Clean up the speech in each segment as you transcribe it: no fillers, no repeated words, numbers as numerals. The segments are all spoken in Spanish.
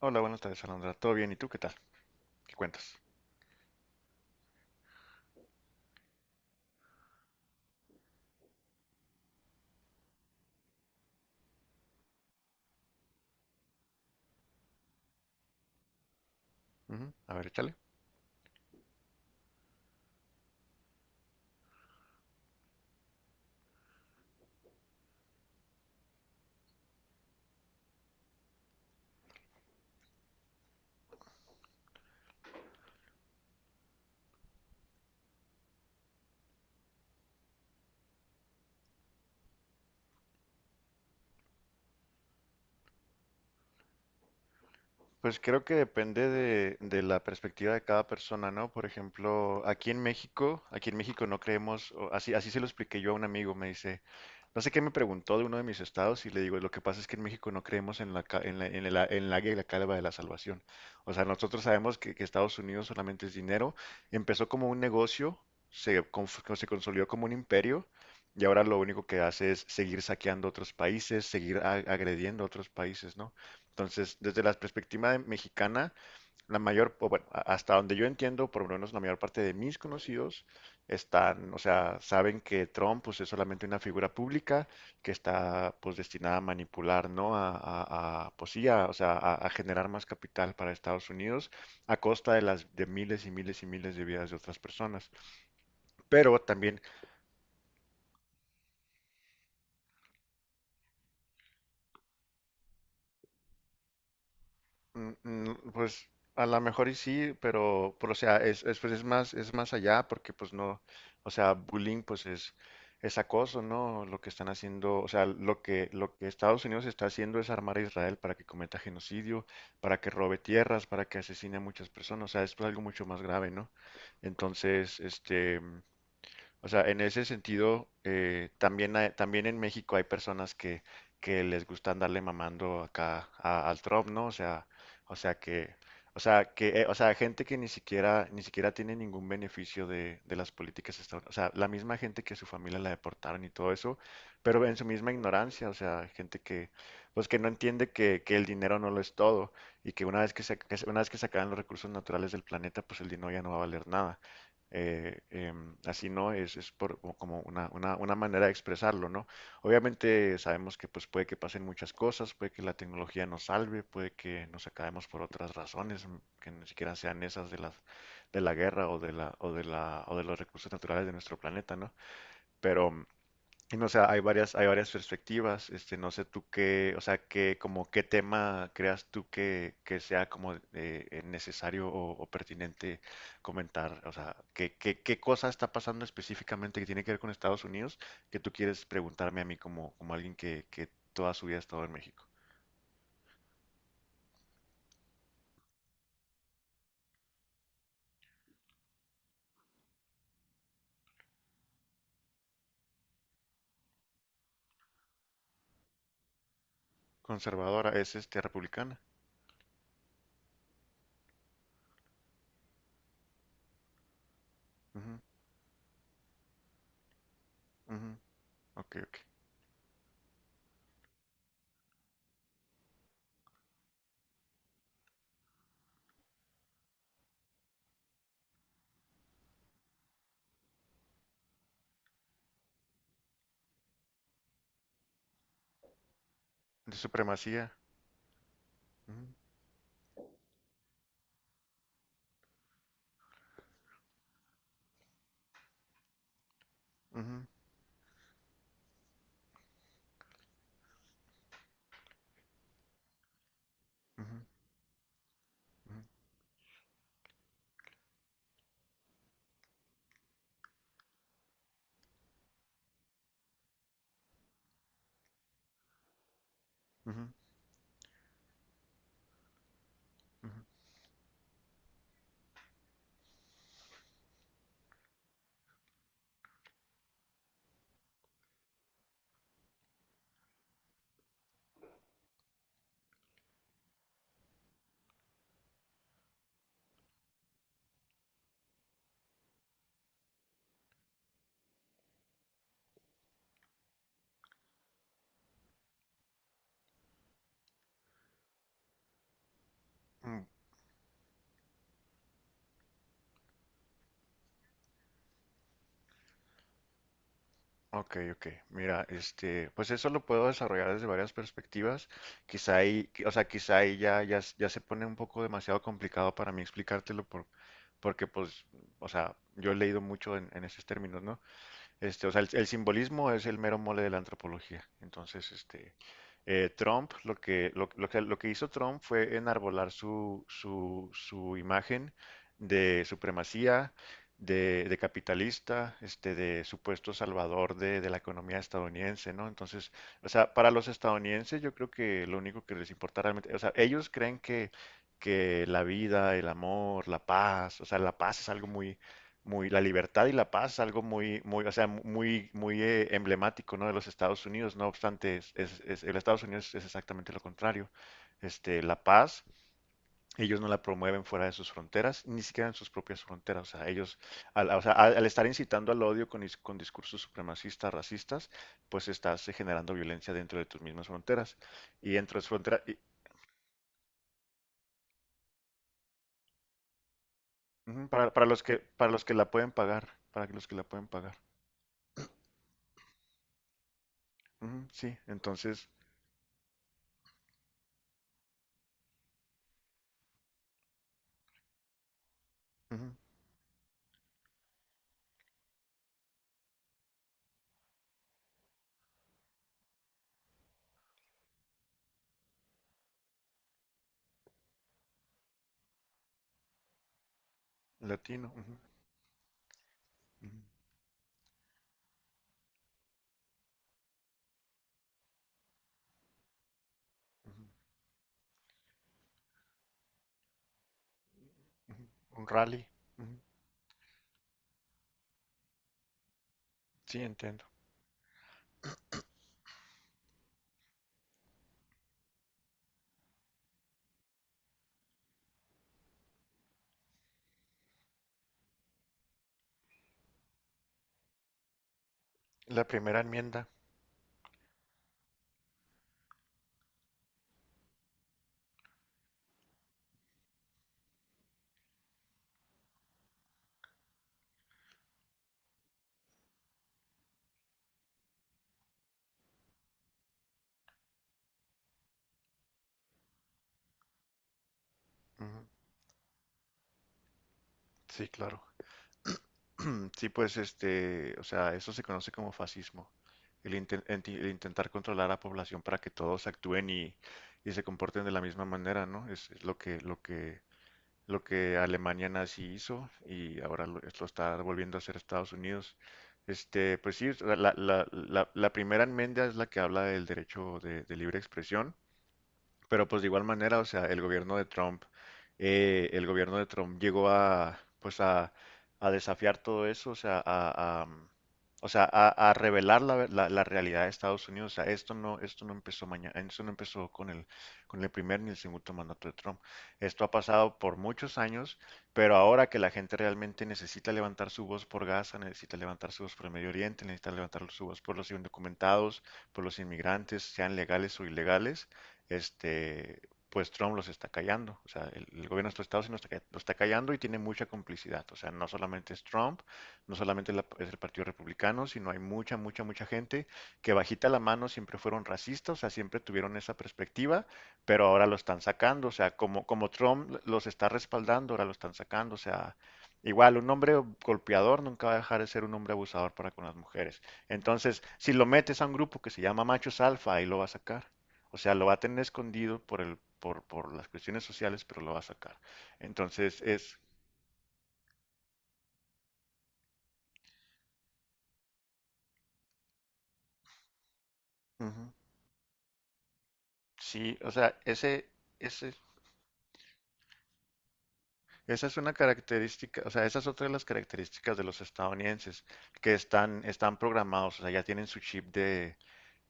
Hola, buenas tardes, Alondra. ¿Todo bien? ¿Y tú qué tal? ¿Qué cuentas? Ujú. A ver, échale. Pues creo que depende de la perspectiva de cada persona, ¿no? Por ejemplo, aquí en México no creemos, o así, así se lo expliqué yo a un amigo, me dice, no sé qué me preguntó de uno de mis estados y le digo, lo que pasa es que en México no creemos en la, ca- en la, en la, en la águila la calva de la salvación. O sea, nosotros sabemos que Estados Unidos solamente es dinero, empezó como un negocio, se consolidó como un imperio y ahora lo único que hace es seguir saqueando otros países, seguir agrediendo a otros países, ¿no? Entonces, desde la perspectiva de mexicana, la mayor, o bueno, hasta donde yo entiendo, por lo menos la mayor parte de mis conocidos están, o sea, saben que Trump, pues, es solamente una figura pública que está, pues, destinada a manipular, ¿no? Pues sí, a, o sea, a generar más capital para Estados Unidos a costa de las de miles y miles y miles de vidas de otras personas. Pero también. Pues a lo mejor y sí, pero, o sea, pues, es más allá porque pues no, o sea, bullying pues es acoso, ¿no? Lo que están haciendo, o sea, lo que Estados Unidos está haciendo es armar a Israel para que cometa genocidio, para que robe tierras, para que asesine a muchas personas. O sea, esto es algo mucho más grave, ¿no? Entonces, este, o sea, en ese sentido, también, también en México hay personas que les gusta andarle mamando acá al Trump, ¿no? O sea que, o sea que, O sea, gente que ni siquiera, ni siquiera tiene ningún beneficio de las políticas estadounidenses. O sea, la misma gente que su familia la deportaron y todo eso, pero en su misma ignorancia, o sea, gente que pues que no entiende que el dinero no lo es todo y que una vez una vez que se acaban los recursos naturales del planeta, pues el dinero ya no va a valer nada. Así no es, es por, o como una manera de expresarlo, ¿no? Obviamente sabemos que pues puede que pasen muchas cosas, puede que la tecnología nos salve, puede que nos acabemos por otras razones, que ni siquiera sean esas de las de la guerra o de la o de la o de los recursos naturales de nuestro planeta, ¿no? Pero y no, o sea, hay varias perspectivas. Este, no sé tú qué, o sea, qué, como qué tema creas tú que sea como necesario o pertinente comentar. O sea, qué cosa está pasando específicamente que tiene que ver con Estados Unidos que tú quieres preguntarme a mí como, como alguien que toda su vida ha estado en México. Conservadora, es este republicana. Ujú, ujú, ok, ok. De supremacía. Ujú, ujú, ujú, ujú, ujú, ujú. Ok, ok. Mira, este, pues eso lo puedo desarrollar desde varias perspectivas. Quizá ahí, o sea, quizá ahí ya, ya, ya se pone un poco demasiado complicado para mí explicártelo por, porque pues, o sea, yo he leído mucho en esos términos, ¿no? Este, o sea, el simbolismo es el mero mole de la antropología. Entonces, este, Trump, lo que hizo Trump fue enarbolar su imagen de supremacía, de capitalista, este, de supuesto salvador de la economía estadounidense, ¿no? Entonces, o sea, para los estadounidenses yo creo que lo único que les importa realmente, o sea, ellos creen que la vida, el amor, la paz, o sea, la paz es algo muy, muy la libertad y la paz, algo o sea, muy, muy emblemático, ¿no?, de los Estados Unidos. No obstante, el Estados Unidos es exactamente lo contrario. Este, la paz, ellos no la promueven fuera de sus fronteras, ni siquiera en sus propias fronteras. O sea, ellos, al estar incitando al odio con, con discursos supremacistas, racistas, pues estás generando violencia dentro de tus mismas fronteras. Y dentro de las fronteras, y ujú, para los que la pueden pagar, para los que la pueden pagar. Ujú, sí, entonces, ujú, latino. Ujú. Ujú, ujú. Un rally. Ujú. Sí, entiendo. La primera enmienda. Ujú. Sí, claro. Sí, pues este, o sea, eso se conoce como fascismo. El, el intentar controlar a la población para que todos actúen y se comporten de la misma manera, ¿no? Es lo que, lo que Alemania nazi hizo y ahora lo, lo está volviendo a hacer Estados Unidos. Este, pues sí, la primera enmienda es la que habla del derecho de libre expresión. Pero pues de igual manera, o sea, el gobierno de Trump, el gobierno de Trump llegó a, pues a desafiar todo eso, o sea, a, mm, o sea, a revelar la, la realidad de Estados Unidos. O sea, esto no empezó mañana, esto no empezó con el primer ni el segundo mandato de Trump. Esto ha pasado por muchos años, pero ahora que la gente realmente necesita levantar su voz por Gaza, necesita levantar su voz por el Medio Oriente, necesita levantar su voz por los indocumentados, por los inmigrantes, sean legales o ilegales, este, pues Trump los está callando. O sea, el gobierno de estos estados los está callando y tiene mucha complicidad. O sea, no solamente es Trump, no solamente es el Partido Republicano, sino hay mucha, mucha, mucha gente que bajita la mano siempre fueron racistas, o sea, siempre tuvieron esa perspectiva, pero ahora lo están sacando. O sea, como Trump los está respaldando, ahora lo están sacando. O sea, igual, un hombre golpeador nunca va a dejar de ser un hombre abusador para con las mujeres. Entonces, si lo metes a un grupo que se llama Machos Alfa, ahí lo va a sacar. O sea, lo va a tener escondido por el, por las cuestiones sociales, pero lo va a sacar. Entonces es, ujú, sí, o sea, ese, esa es una característica, o sea, esa es otra de las características de los estadounidenses que están, están programados, o sea, ya tienen su chip de,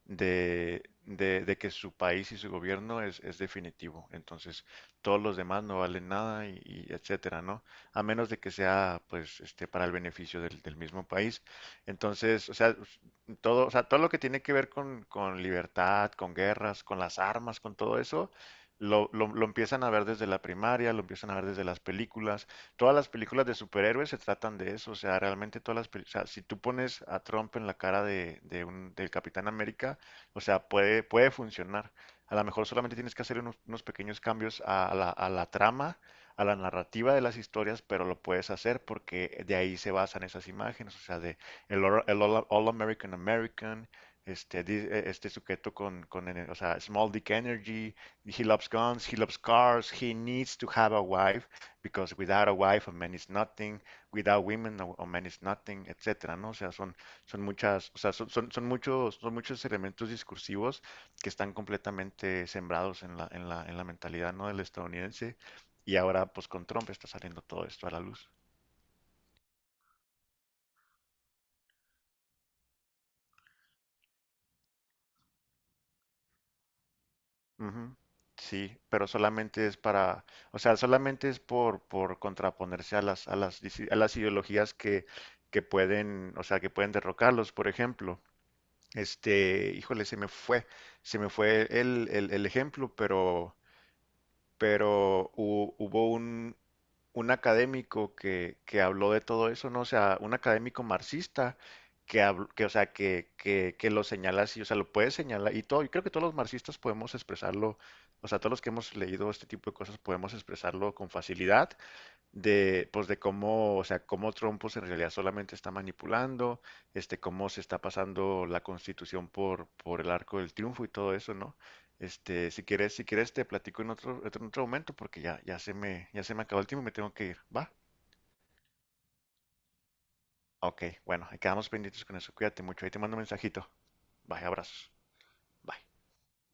de que su país y su gobierno es definitivo. Entonces, todos los demás no valen nada y etcétera, ¿no? A menos de que sea, pues, este, para el beneficio del, del mismo país. Entonces, o sea, todo, o sea, todo lo que tiene que ver con libertad, con guerras, con las armas, con todo eso, lo empiezan a ver desde la primaria, lo empiezan a ver desde las películas. Todas las películas de superhéroes se tratan de eso, o sea, realmente todas las películas, o sea, si tú pones a Trump en la cara de un, del Capitán América, o sea, puede funcionar. A lo mejor solamente tienes que hacer unos, unos pequeños cambios a la trama, a la narrativa de las historias, pero lo puedes hacer porque de ahí se basan esas imágenes, o sea, de el, All American American, este, este sujeto con, ene- o sea, Small Dick Energy, he loves guns, he loves cars, he needs to have a wife because without a wife a man is nothing, without women a, man is nothing, etcétera, ¿no? O sea, son, son muchas, o sea, son muchos elementos discursivos que están completamente sembrados en la, en la mentalidad, ¿no?, del estadounidense y ahora pues con Trump está saliendo todo esto a la luz. Ujú. Sí, pero solamente es para, o sea, solamente es por contraponerse a las, a las, a las ideologías que pueden, o sea, que pueden derrocarlos, por ejemplo. Este, híjole, se me fue el ejemplo, pero hubo un académico que habló de todo eso, ¿no? O sea, un académico marxista que, que lo señala así, o sea, lo puede señalar, y todo, y creo que todos los marxistas podemos expresarlo, o sea, todos los que hemos leído este tipo de cosas podemos expresarlo con facilidad, de, pues de cómo, o sea, cómo Trump pues, en realidad solamente está manipulando, este, cómo se está pasando la Constitución por el arco del triunfo y todo eso, ¿no? Este, si quieres te platico en otro momento porque ya, ya se me acabó el tiempo y me tengo que ir, ¿va? Ok, bueno, ahí quedamos pendientes con eso, cuídate mucho, ahí te mando un mensajito. Bye, abrazos. Bye.